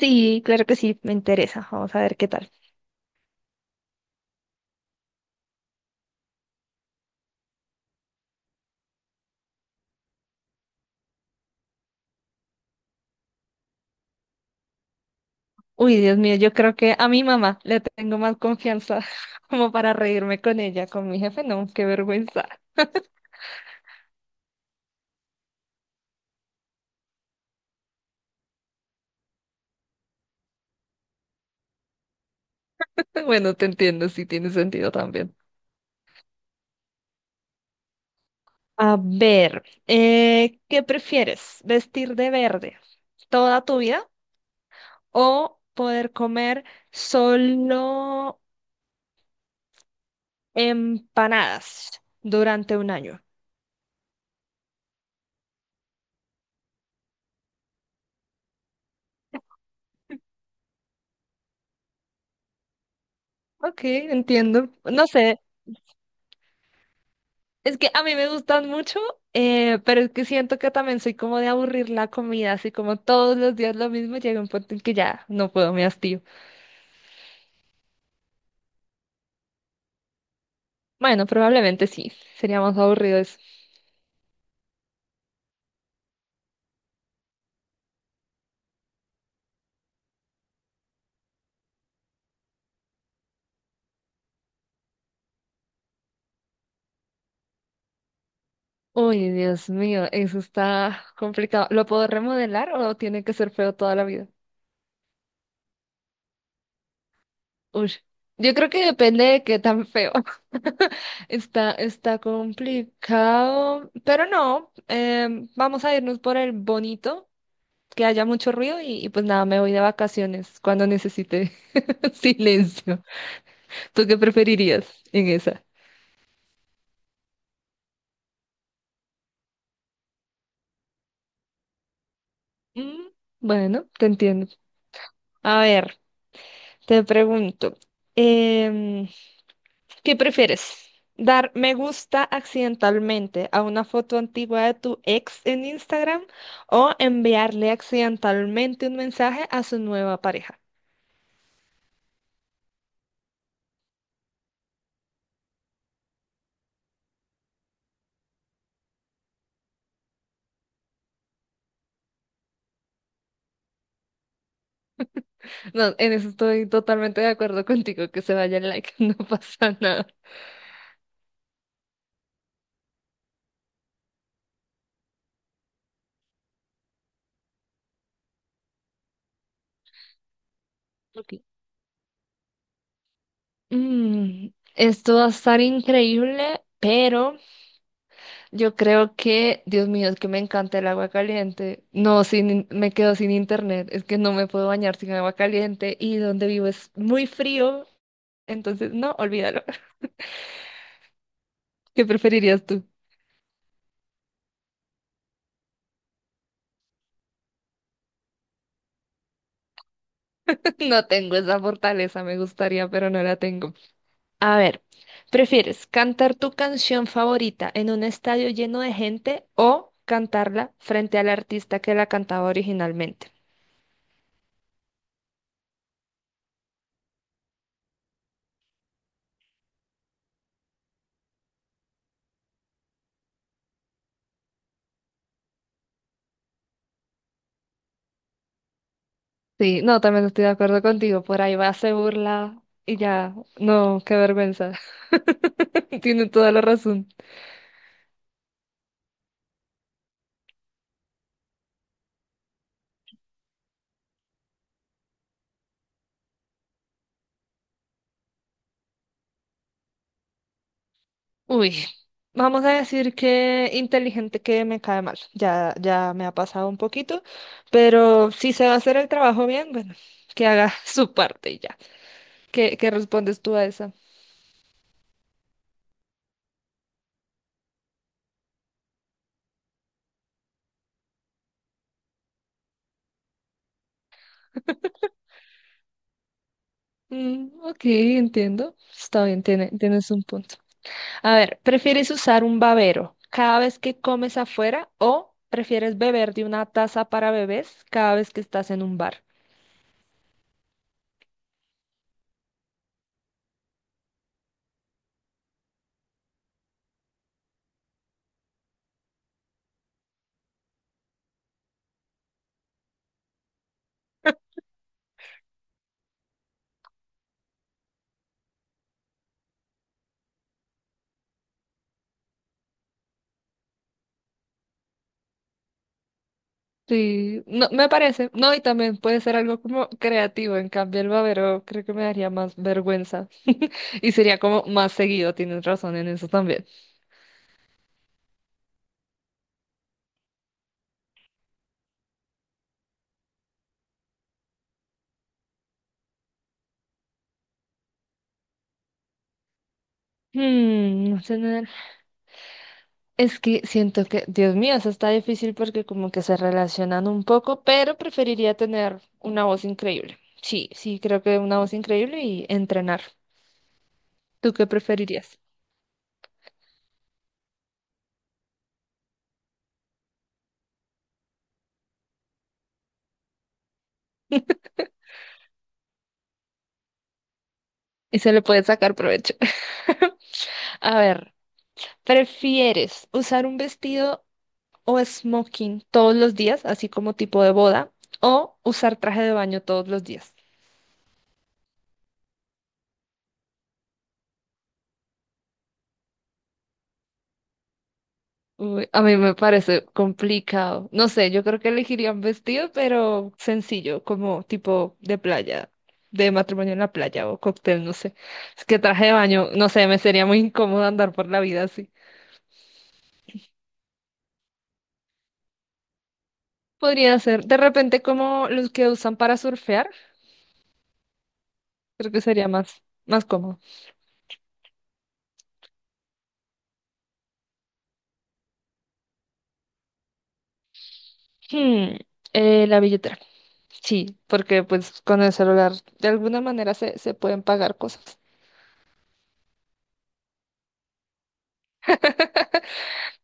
Sí, claro que sí, me interesa. Vamos a ver qué tal. Uy, Dios mío, yo creo que a mi mamá le tengo más confianza como para reírme con ella, con mi jefe, no, qué vergüenza. Bueno, te entiendo, sí tiene sentido también. A ver, ¿qué prefieres? ¿Vestir de verde toda tu vida o poder comer solo empanadas durante un año? Ok, entiendo. No sé. Es que a mí me gustan mucho, pero es que siento que también soy como de aburrir la comida, así como todos los días lo mismo, llega un punto en que ya no puedo, me hastío. Bueno, probablemente sí, sería más aburrido eso. Uy, Dios mío, eso está complicado. ¿Lo puedo remodelar o tiene que ser feo toda la vida? Uy, yo creo que depende de qué tan feo. Está complicado, pero no, vamos a irnos por el bonito. Que haya mucho ruido y pues nada, me voy de vacaciones cuando necesite silencio. ¿Tú qué preferirías en esa? Mm. Bueno, te entiendo. A ver, te pregunto, em, ¿qué prefieres? ¿Dar me gusta accidentalmente a una foto antigua de tu ex en Instagram o enviarle accidentalmente un mensaje a su nueva pareja? No, en eso estoy totalmente de acuerdo contigo, que se vaya el like, no pasa nada. Ok. Mm, esto va a estar increíble, pero yo creo que, Dios mío, es que me encanta el agua caliente. No, sin, in- me quedo sin internet. Es que no me puedo bañar sin agua caliente y donde vivo es muy frío. Entonces, no, olvídalo. ¿Qué preferirías tú? No tengo esa fortaleza, me gustaría, pero no la tengo. A ver, ¿prefieres cantar tu canción favorita en un estadio lleno de gente o cantarla frente al artista que la cantaba originalmente? Sí, no, también estoy de acuerdo contigo. Por ahí va, se burla y ya. No, qué vergüenza. Tiene toda la razón. Uy, vamos a decir que inteligente que me cae mal. Ya me ha pasado un poquito, pero si se va a hacer el trabajo bien, bueno, que haga su parte y ya. ¿Qué respondes tú a esa? Mm, ok, entiendo. Está bien, tienes un punto. A ver, ¿prefieres usar un babero cada vez que comes afuera o prefieres beber de una taza para bebés cada vez que estás en un bar? Sí, no, me parece. No, y también puede ser algo como creativo. En cambio, el babero creo que me daría más vergüenza. Y sería como más seguido, tienes razón en eso también. No sé, es que siento que, Dios mío, eso está difícil porque como que se relacionan un poco, pero preferiría tener una voz increíble. Sí, sí, creo que una voz increíble y entrenar. ¿Tú qué preferirías? Y se le puede sacar provecho. A ver, ¿prefieres usar un vestido o smoking todos los días, así como tipo de boda, o usar traje de baño todos los días? Uy, a mí me parece complicado. No sé, yo creo que elegiría un vestido, pero sencillo, como tipo de playa, de matrimonio en la playa o cóctel, no sé. Es que traje de baño, no sé, me sería muy incómodo andar por la vida así. Podría ser, de repente, como los que usan para surfear. Creo que sería más cómodo. Hmm, la billetera. Sí, porque pues con el celular de alguna manera se pueden pagar cosas.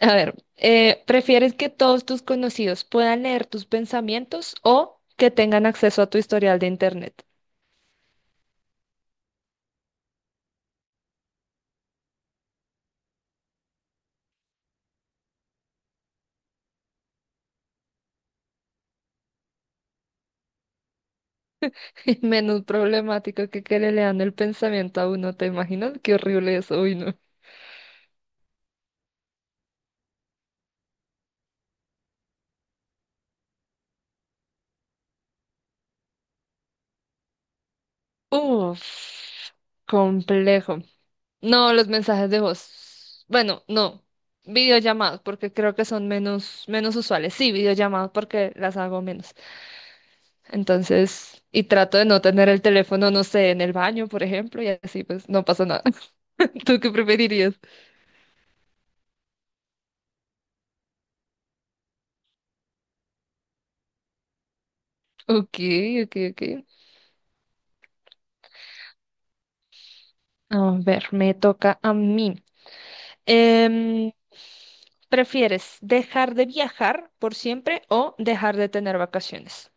A ver, ¿prefieres que todos tus conocidos puedan leer tus pensamientos o que tengan acceso a tu historial de internet? Menos problemático que le lean el pensamiento a uno, ¿te imaginas? Qué horrible eso, uy, no. Uf, complejo. No, los mensajes de voz. Bueno, no. Videollamadas, porque creo que son menos, menos usuales. Sí, videollamadas porque las hago menos. Entonces, y trato de no tener el teléfono, no sé, en el baño, por ejemplo, y así pues no pasa nada. ¿Tú qué preferirías? Ok, ok, ok. A ver, me toca a mí. Em, ¿Prefieres dejar de viajar por siempre o dejar de tener vacaciones?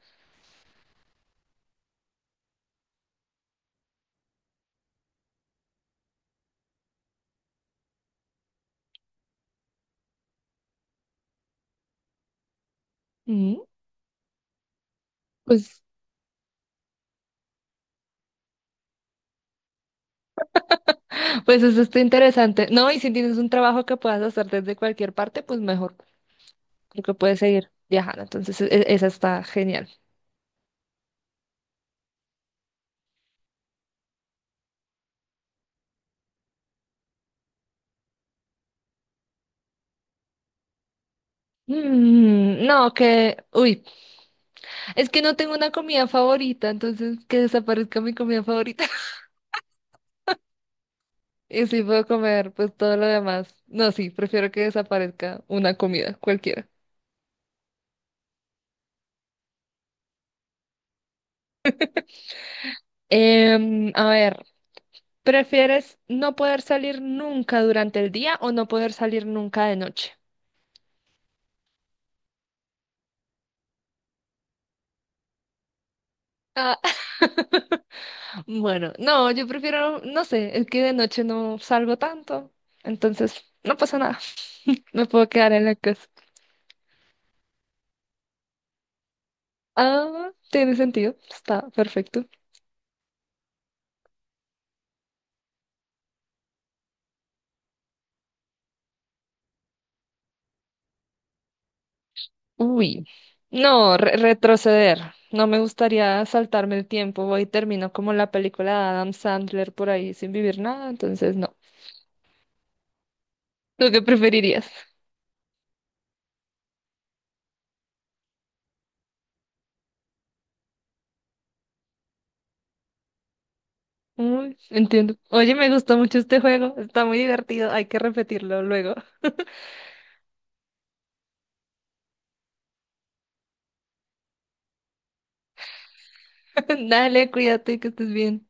Mm. Pues Pues eso está interesante. No, y si tienes un trabajo que puedas hacer desde cualquier parte, pues mejor, porque puedes seguir viajando. Entonces, esa está genial. No, que, uy, es que no tengo una comida favorita, entonces que desaparezca mi comida favorita. Y si puedo comer, pues todo lo demás. No, sí, prefiero que desaparezca una comida, cualquiera. A ver, ¿prefieres no poder salir nunca durante el día o no poder salir nunca de noche? Ah, bueno, no, yo prefiero, no sé, es que de noche no salgo tanto, entonces no pasa nada. Me puedo quedar en la casa. Ah, tiene sentido, está perfecto. Uy, no, retroceder. No me gustaría saltarme el tiempo. Voy y termino como la película de Adam Sandler por ahí sin vivir nada, entonces no. ¿Tú qué preferirías? Uy, entiendo. Oye, me gustó mucho este juego, está muy divertido, hay que repetirlo luego. Dale, cuídate, que estés bien.